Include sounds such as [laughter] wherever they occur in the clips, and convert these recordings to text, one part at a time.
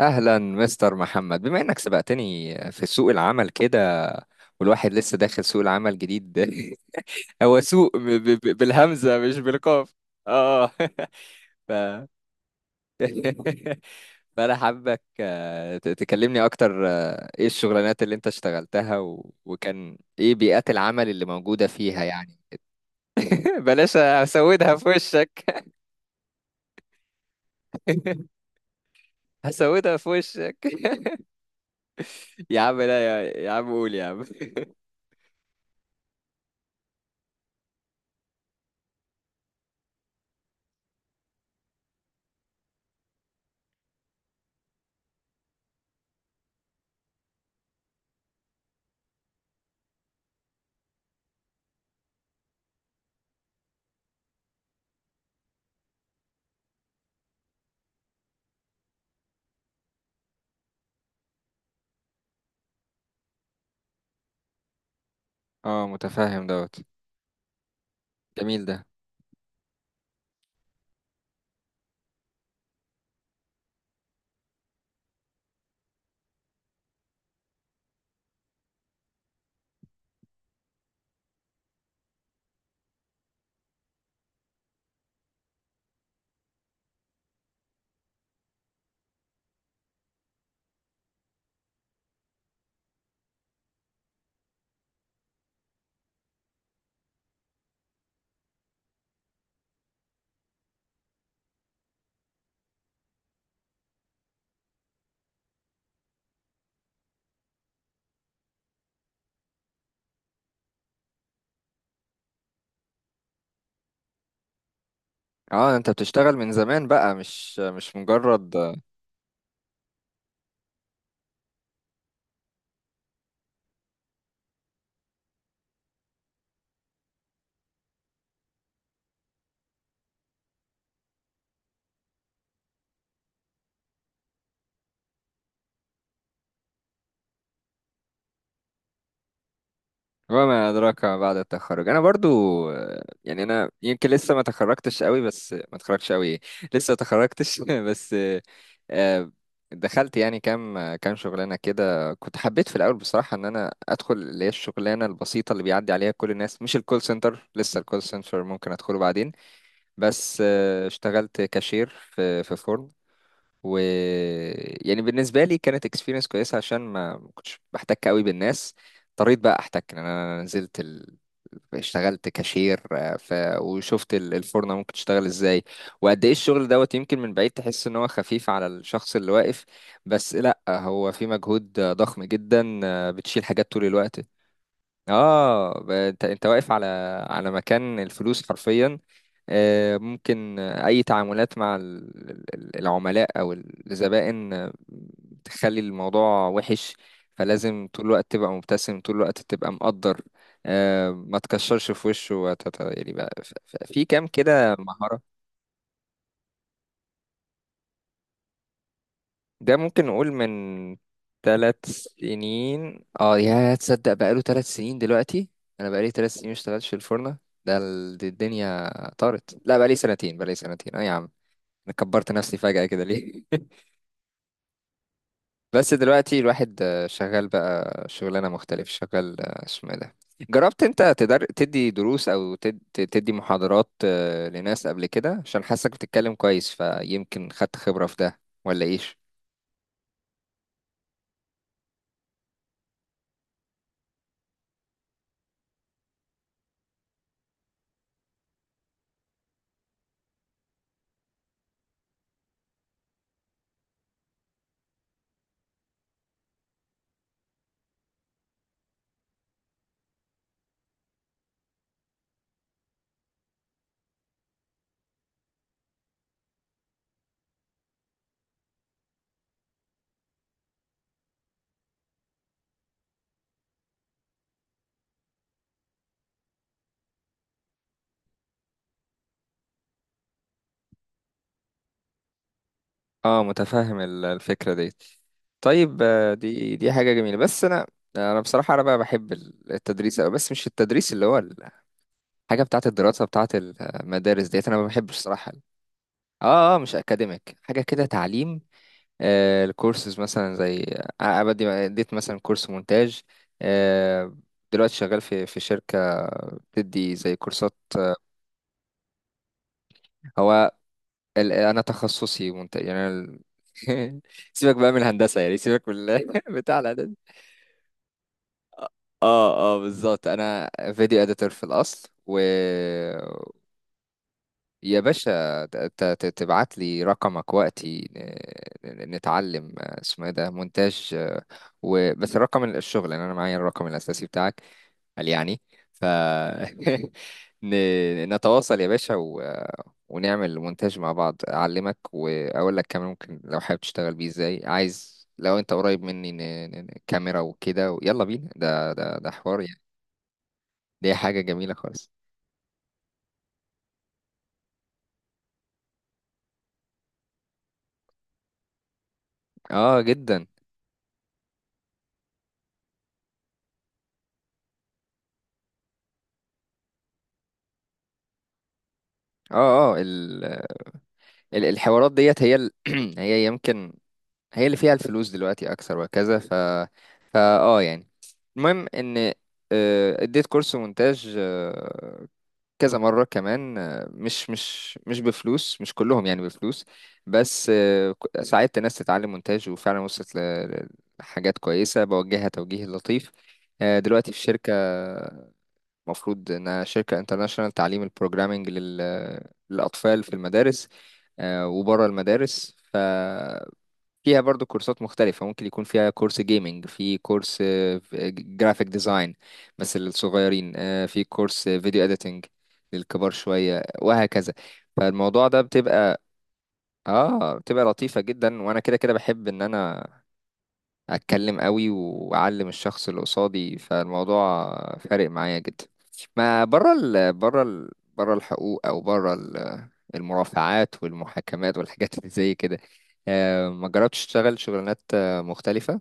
اهلا مستر محمد، بما انك سبقتني في سوق العمل كده، والواحد لسه داخل سوق العمل جديد ده. [laughs] هو سوق بالهمزة مش بالقاف. اه. [laughs] ف... [laughs] فانا حابك، تكلمني اكتر. ايه الشغلانات اللي انت اشتغلتها، وكان ايه بيئات العمل اللي موجودة فيها يعني. [laughs] بلاش هسودها في وشك. [laughs] هسودها في وشك. [laughs] يا عم لا، يا عم قول يا عم. [laughs] اه، متفهم دوت. جميل ده. اه، انت بتشتغل من زمان بقى، مش مجرد. وما ادراك ما بعد التخرج. انا برضو، يعني انا يمكن لسه ما تخرجتش قوي، بس ما تخرجش قوي إيه؟ لسه ما تخرجتش [laughs] بس. آه، دخلت يعني كام كام شغلانه كده. كنت حبيت في الاول بصراحه ان انا ادخل اللي هي الشغلانه البسيطه اللي بيعدي عليها كل الناس، مش الكول سنتر، لسه الكول سنتر ممكن ادخله بعدين. بس اشتغلت كاشير في فورم. و يعني بالنسبه لي كانت اكسبيرينس كويسه، عشان ما كنتش بحتك قوي بالناس. اضطريت بقى احتك لان انا اشتغلت كاشير. وشفت الفرنه ممكن تشتغل ازاي، وقد ايه الشغل دوت. يمكن من بعيد تحس ان هو خفيف على الشخص اللي واقف، بس لا، هو في مجهود ضخم جدا. بتشيل حاجات طول الوقت. اه، انت واقف على مكان الفلوس حرفيا. ممكن أي تعاملات مع العملاء أو الزبائن، تخلي الموضوع وحش. فلازم طول الوقت تبقى مبتسم، طول الوقت تبقى مقدر، ما تكشرش في وشه، يعني بقى في كام كده مهارة. ده ممكن نقول من ثلاث سنين. اه، يا تصدق بقاله ثلاث سنين دلوقتي. انا بقالي ثلاث سنين مشتغلتش في الفرنة. دي الدنيا طارت. لا، بقالي سنتين، بقالي سنتين، اه يا عم. انا كبرت نفسي فجأة كده ليه؟ [laughs] بس دلوقتي الواحد شغال بقى شغلانة مختلف، شغال، اسمه إيه ده. جربت انت تدي دروس، او تدي محاضرات لناس قبل كده، عشان حاسك بتتكلم كويس، فيمكن خدت خبرة في ده، ولا ايش؟ اه، متفهم الفكرة دي. طيب، دي حاجة جميلة. بس انا، انا بصراحة، انا بقى بحب التدريس أوي، بس مش التدريس اللي هو الحاجة بتاعة الدراسة بتاعة المدارس ديت، انا ما بحبش الصراحة. اه اه، مش اكاديميك، حاجة كده تعليم. الكورسز مثلا، زي بدي اديت مثلا كورس مونتاج. آه، دلوقتي شغال في شركة بتدي زي كورسات. هو انا تخصصي مونتاج، يعني أنا [laughs] سيبك بقى من الهندسة، يعني سيبك من [laughs] بتاع الإعداد. اه اه، بالظبط، انا فيديو اديتور في الاصل. و يا باشا، تبعت لي رقمك وقتي، نتعلم، اسمه ايه ده، مونتاج. وبس الرقم الشغل، لان انا معايا الرقم الاساسي بتاعك، قال يعني. ف [laughs] نتواصل يا باشا، ونعمل مونتاج مع بعض، اعلمك واقول لك كمان ممكن لو حابب تشتغل بيه ازاي. عايز، لو انت قريب مني، كاميرا وكده، يلا بينا. ده حوار يعني. دي حاجة جميلة خالص. اه جدا. اه اه، الحوارات ديت، [clears throat] هي يمكن، هي اللي فيها الفلوس دلوقتي اكثر وكذا. ف فا اه يعني. المهم ان، اديت كورس مونتاج كذا مرة كمان، مش بفلوس، مش كلهم يعني بفلوس. بس ساعدت ناس تتعلم مونتاج، وفعلا وصلت لحاجات كويسة، بوجهها توجيه لطيف. دلوقتي في شركة، المفروض انها شركة انترناشونال، تعليم البروجرامينج للأطفال في المدارس، وبره المدارس. فيها برضو كورسات مختلفة، ممكن يكون فيها كورس جيمنج، في كورس جرافيك ديزاين بس للصغيرين، في كورس فيديو اديتنج للكبار شوية، وهكذا. فالموضوع ده بتبقى، اه بتبقى لطيفة جدا، وانا كده كده بحب ان انا اتكلم قوي واعلم الشخص اللي قصادي، فالموضوع فارق معايا جدا. ما بره، ال بره ال بره الحقوق، او بره المرافعات والمحاكمات والحاجات اللي زي كده. ما جربتش تشتغل شغلانات مختلفة؟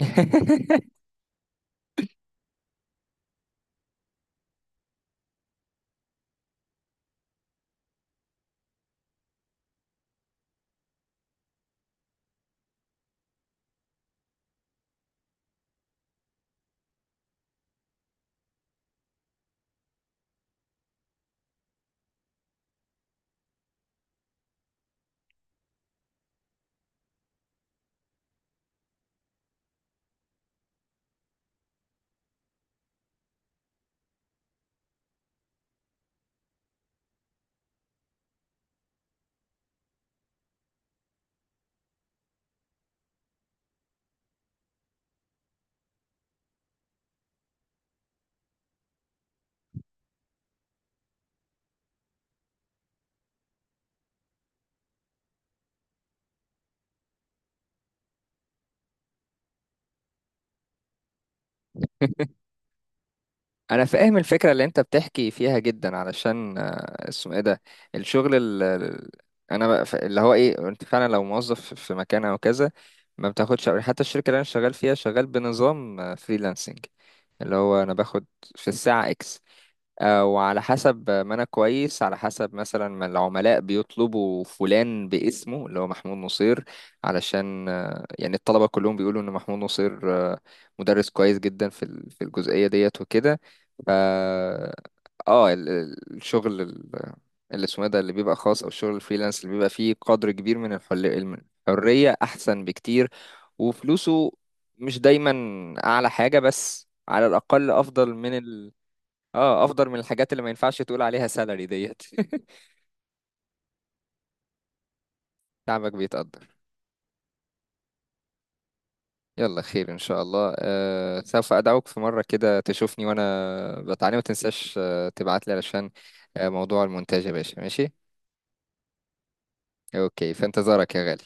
[laughs] انا فاهم الفكره اللي انت بتحكي فيها جدا، علشان اسمه ايه ده، الشغل انا بقى اللي هو ايه، انت فعلا لو موظف في مكان او كذا ما بتاخدش. حتى الشركه اللي انا شغال فيها، شغال بنظام فريلانسنج، اللي هو انا باخد في الساعه اكس، وعلى حسب ما انا كويس، على حسب مثلا ما العملاء بيطلبوا فلان باسمه اللي هو محمود نصير. علشان يعني الطلبة كلهم بيقولوا ان محمود نصير مدرس كويس جدا في في الجزئية ديت وكده. ف اه الشغل، اللي اسمه إيه ده، اللي بيبقى خاص، او الشغل الفريلانس اللي بيبقى فيه قدر كبير من الحرية، احسن بكتير. وفلوسه مش دايما اعلى حاجة، بس على الاقل افضل من، الحاجات اللي ما ينفعش تقول عليها سالري ديت. [laughs] تعبك بيتقدر. يلا خير ان شاء الله. سوف ادعوك في مره كده تشوفني وانا بتعلم. ما تنساش تبعت لي، علشان موضوع المونتاج يا باشا، ماشي. اوكي، في انتظارك يا غالي.